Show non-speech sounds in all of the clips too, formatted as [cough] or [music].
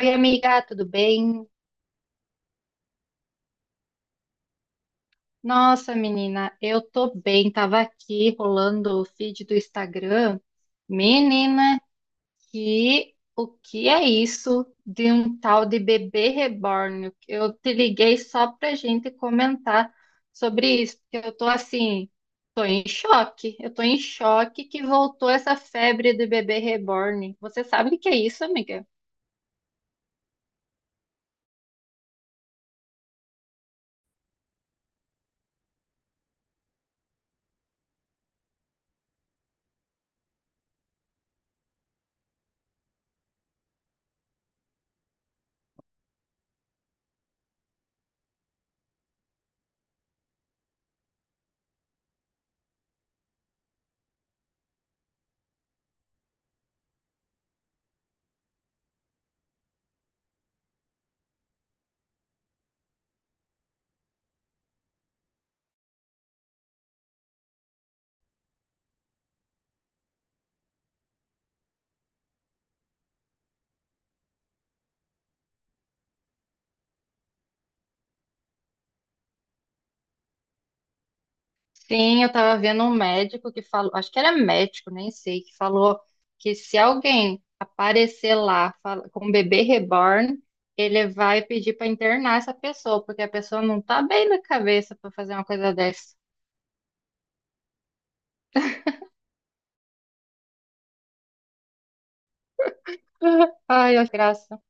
Oi, amiga, tudo bem? Nossa, menina, eu tô bem. Tava aqui rolando o feed do Instagram. Menina, que o que é isso de um tal de bebê reborn? Eu te liguei só pra gente comentar sobre isso, porque eu tô assim, tô em choque. Eu tô em choque que voltou essa febre de bebê reborn. Você sabe o que é isso, amiga? Sim, eu tava vendo um médico que falou, acho que era médico, nem sei, que falou que se alguém aparecer lá com um bebê reborn, ele vai pedir pra internar essa pessoa, porque a pessoa não tá bem na cabeça pra fazer uma coisa dessa. [laughs] Ai, olha que graça.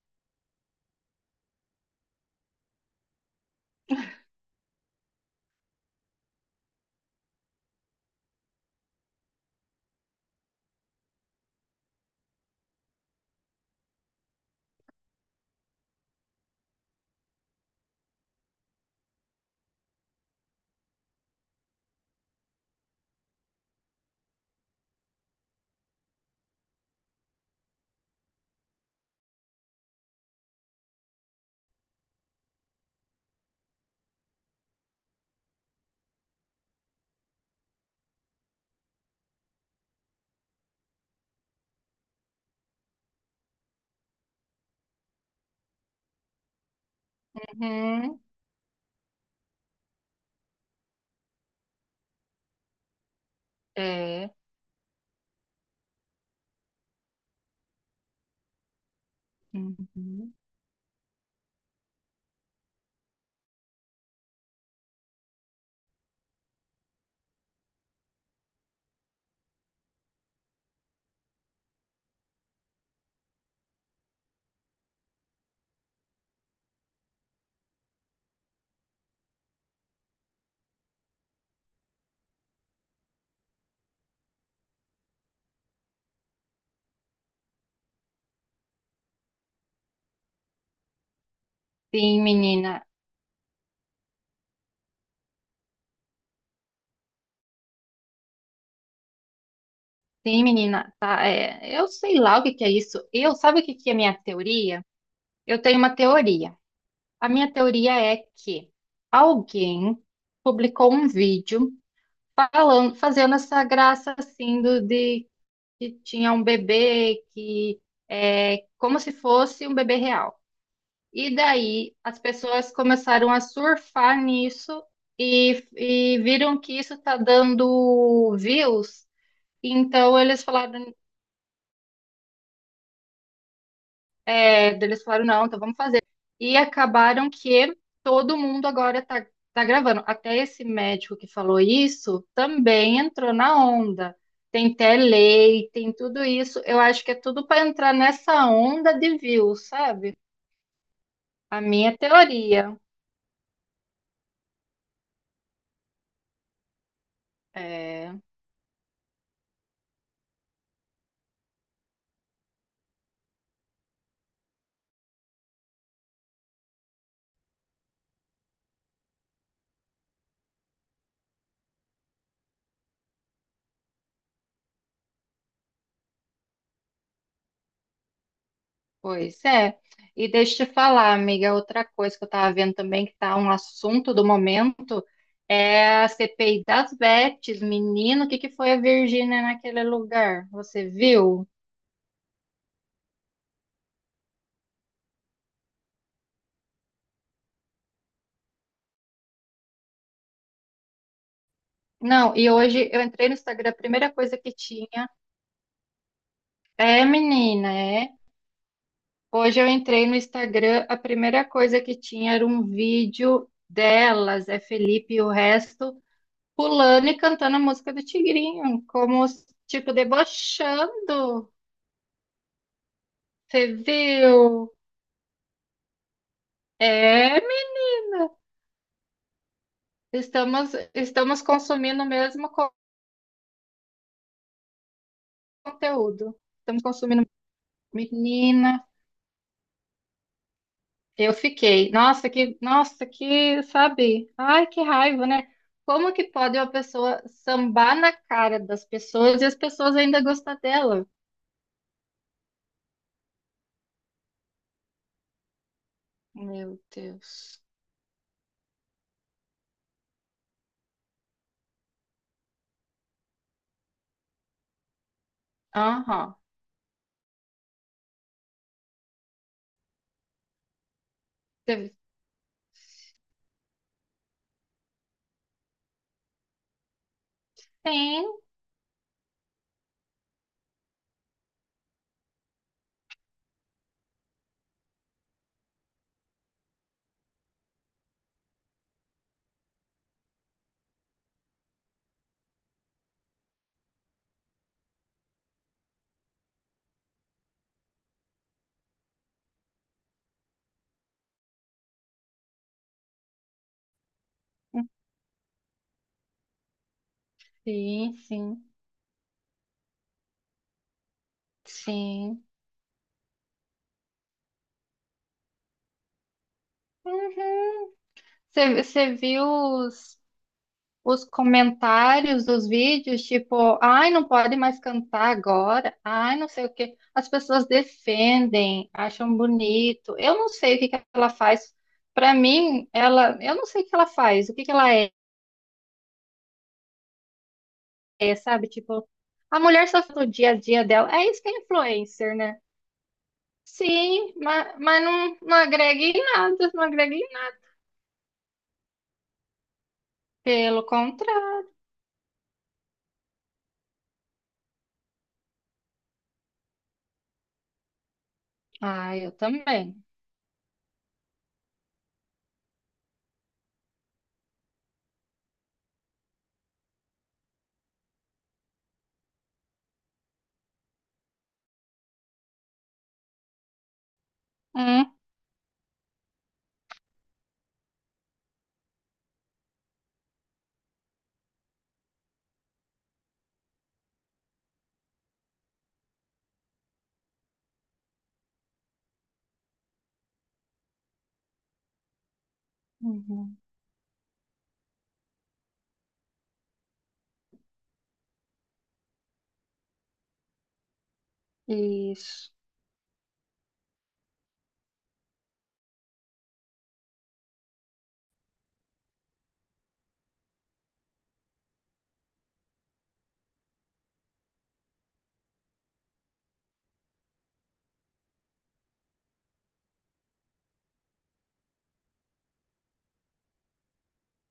Uhum, é. Uhum. Sim, menina. Sim, menina. Tá, é, eu sei lá o que que é isso. Eu, sabe o que que é minha teoria? Eu tenho uma teoria. A minha teoria é que alguém publicou um vídeo falando, fazendo essa graça assim do, de que tinha um bebê que é como se fosse um bebê real. E daí as pessoas começaram a surfar nisso e viram que isso está dando views. Então eles falaram, É, daí eles falaram, não, então vamos fazer. E acabaram que todo mundo agora tá gravando. Até esse médico que falou isso também entrou na onda. Tem telei, tem tudo isso. Eu acho que é tudo para entrar nessa onda de views, sabe? A minha teoria. É, pois é. E deixa eu te falar, amiga, outra coisa que eu estava vendo também, que está um assunto do momento, é a CPI das Bets. Menino, o que que foi a Virgínia naquele lugar? Você viu? Não, e hoje eu entrei no Instagram, a primeira coisa que tinha. É, menina, é. Hoje eu entrei no Instagram, a primeira coisa que tinha era um vídeo delas, é Felipe e o resto, pulando e cantando a música do Tigrinho, como, tipo, debochando. Você viu? É, mi- estamos, estamos consumindo o mesmo conteúdo. Estamos consumindo. Menina, eu fiquei. Nossa, que, sabe? Ai, que raiva, né? Como que pode uma pessoa sambar na cara das pessoas e as pessoas ainda gostar dela? Meu Deus. Aham. Você- Sim, sim, sim, sim. Uhum. Você viu os comentários dos vídeos, tipo, ai, não pode mais cantar agora, ai, não sei o quê. As pessoas defendem, acham bonito. Eu não sei o que que ela faz. Pra mim, ela, eu não sei o que ela faz, o que que ela é, é, sabe? Tipo, a mulher só fala do dia a dia dela. É isso que é influencer, né? Sim, mas, não agrega em nada, não agrega em nada. Pelo contrário. Ah, eu também. Hum, uhum. Isso.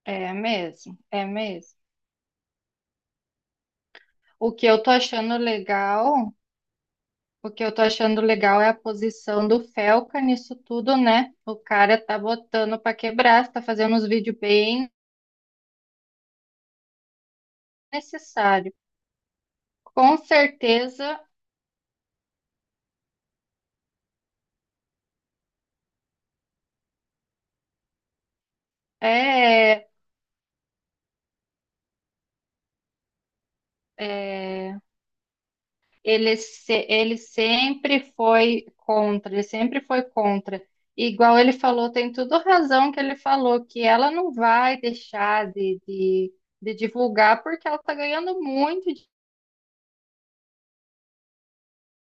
É mesmo, é mesmo. O que eu tô achando legal, o que eu tô achando legal é a posição do Felca nisso tudo, né? O cara tá botando pra quebrar, tá fazendo uns vídeos bem necessários. Com certeza é, é, ele, ele sempre foi contra, ele sempre foi contra. Igual ele falou, tem tudo razão que ele falou, que ela não vai deixar de divulgar porque ela tá ganhando muito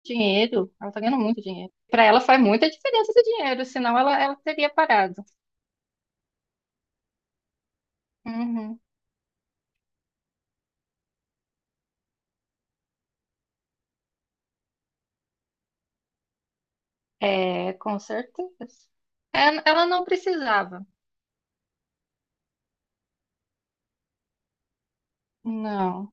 dinheiro, ela tá ganhando muito dinheiro. Pra ela faz muita diferença esse dinheiro, senão ela, ela teria parado. Uhum. É, com certeza. É, ela não precisava. Não.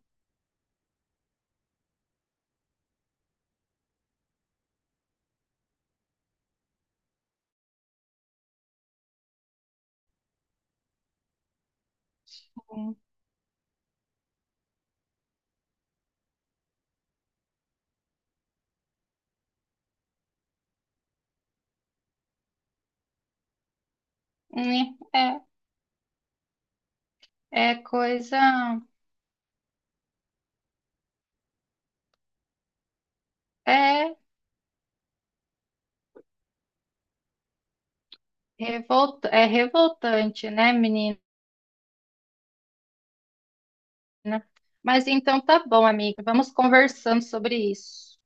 Né, é, é coisa. É, revolta, é revoltante, né, menina? Mas então tá bom, amiga. Vamos conversando sobre isso.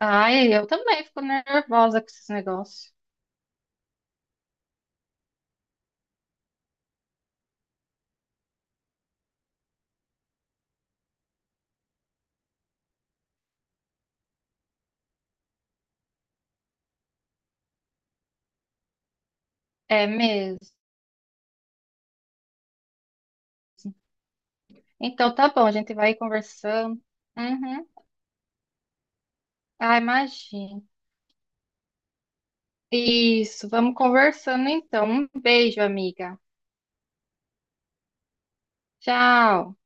Ai, eu também fico nervosa com esses negócios. É mesmo. Então tá bom, a gente vai conversando. Uhum. Ah, imagina. Isso, vamos conversando então. Um beijo, amiga. Tchau.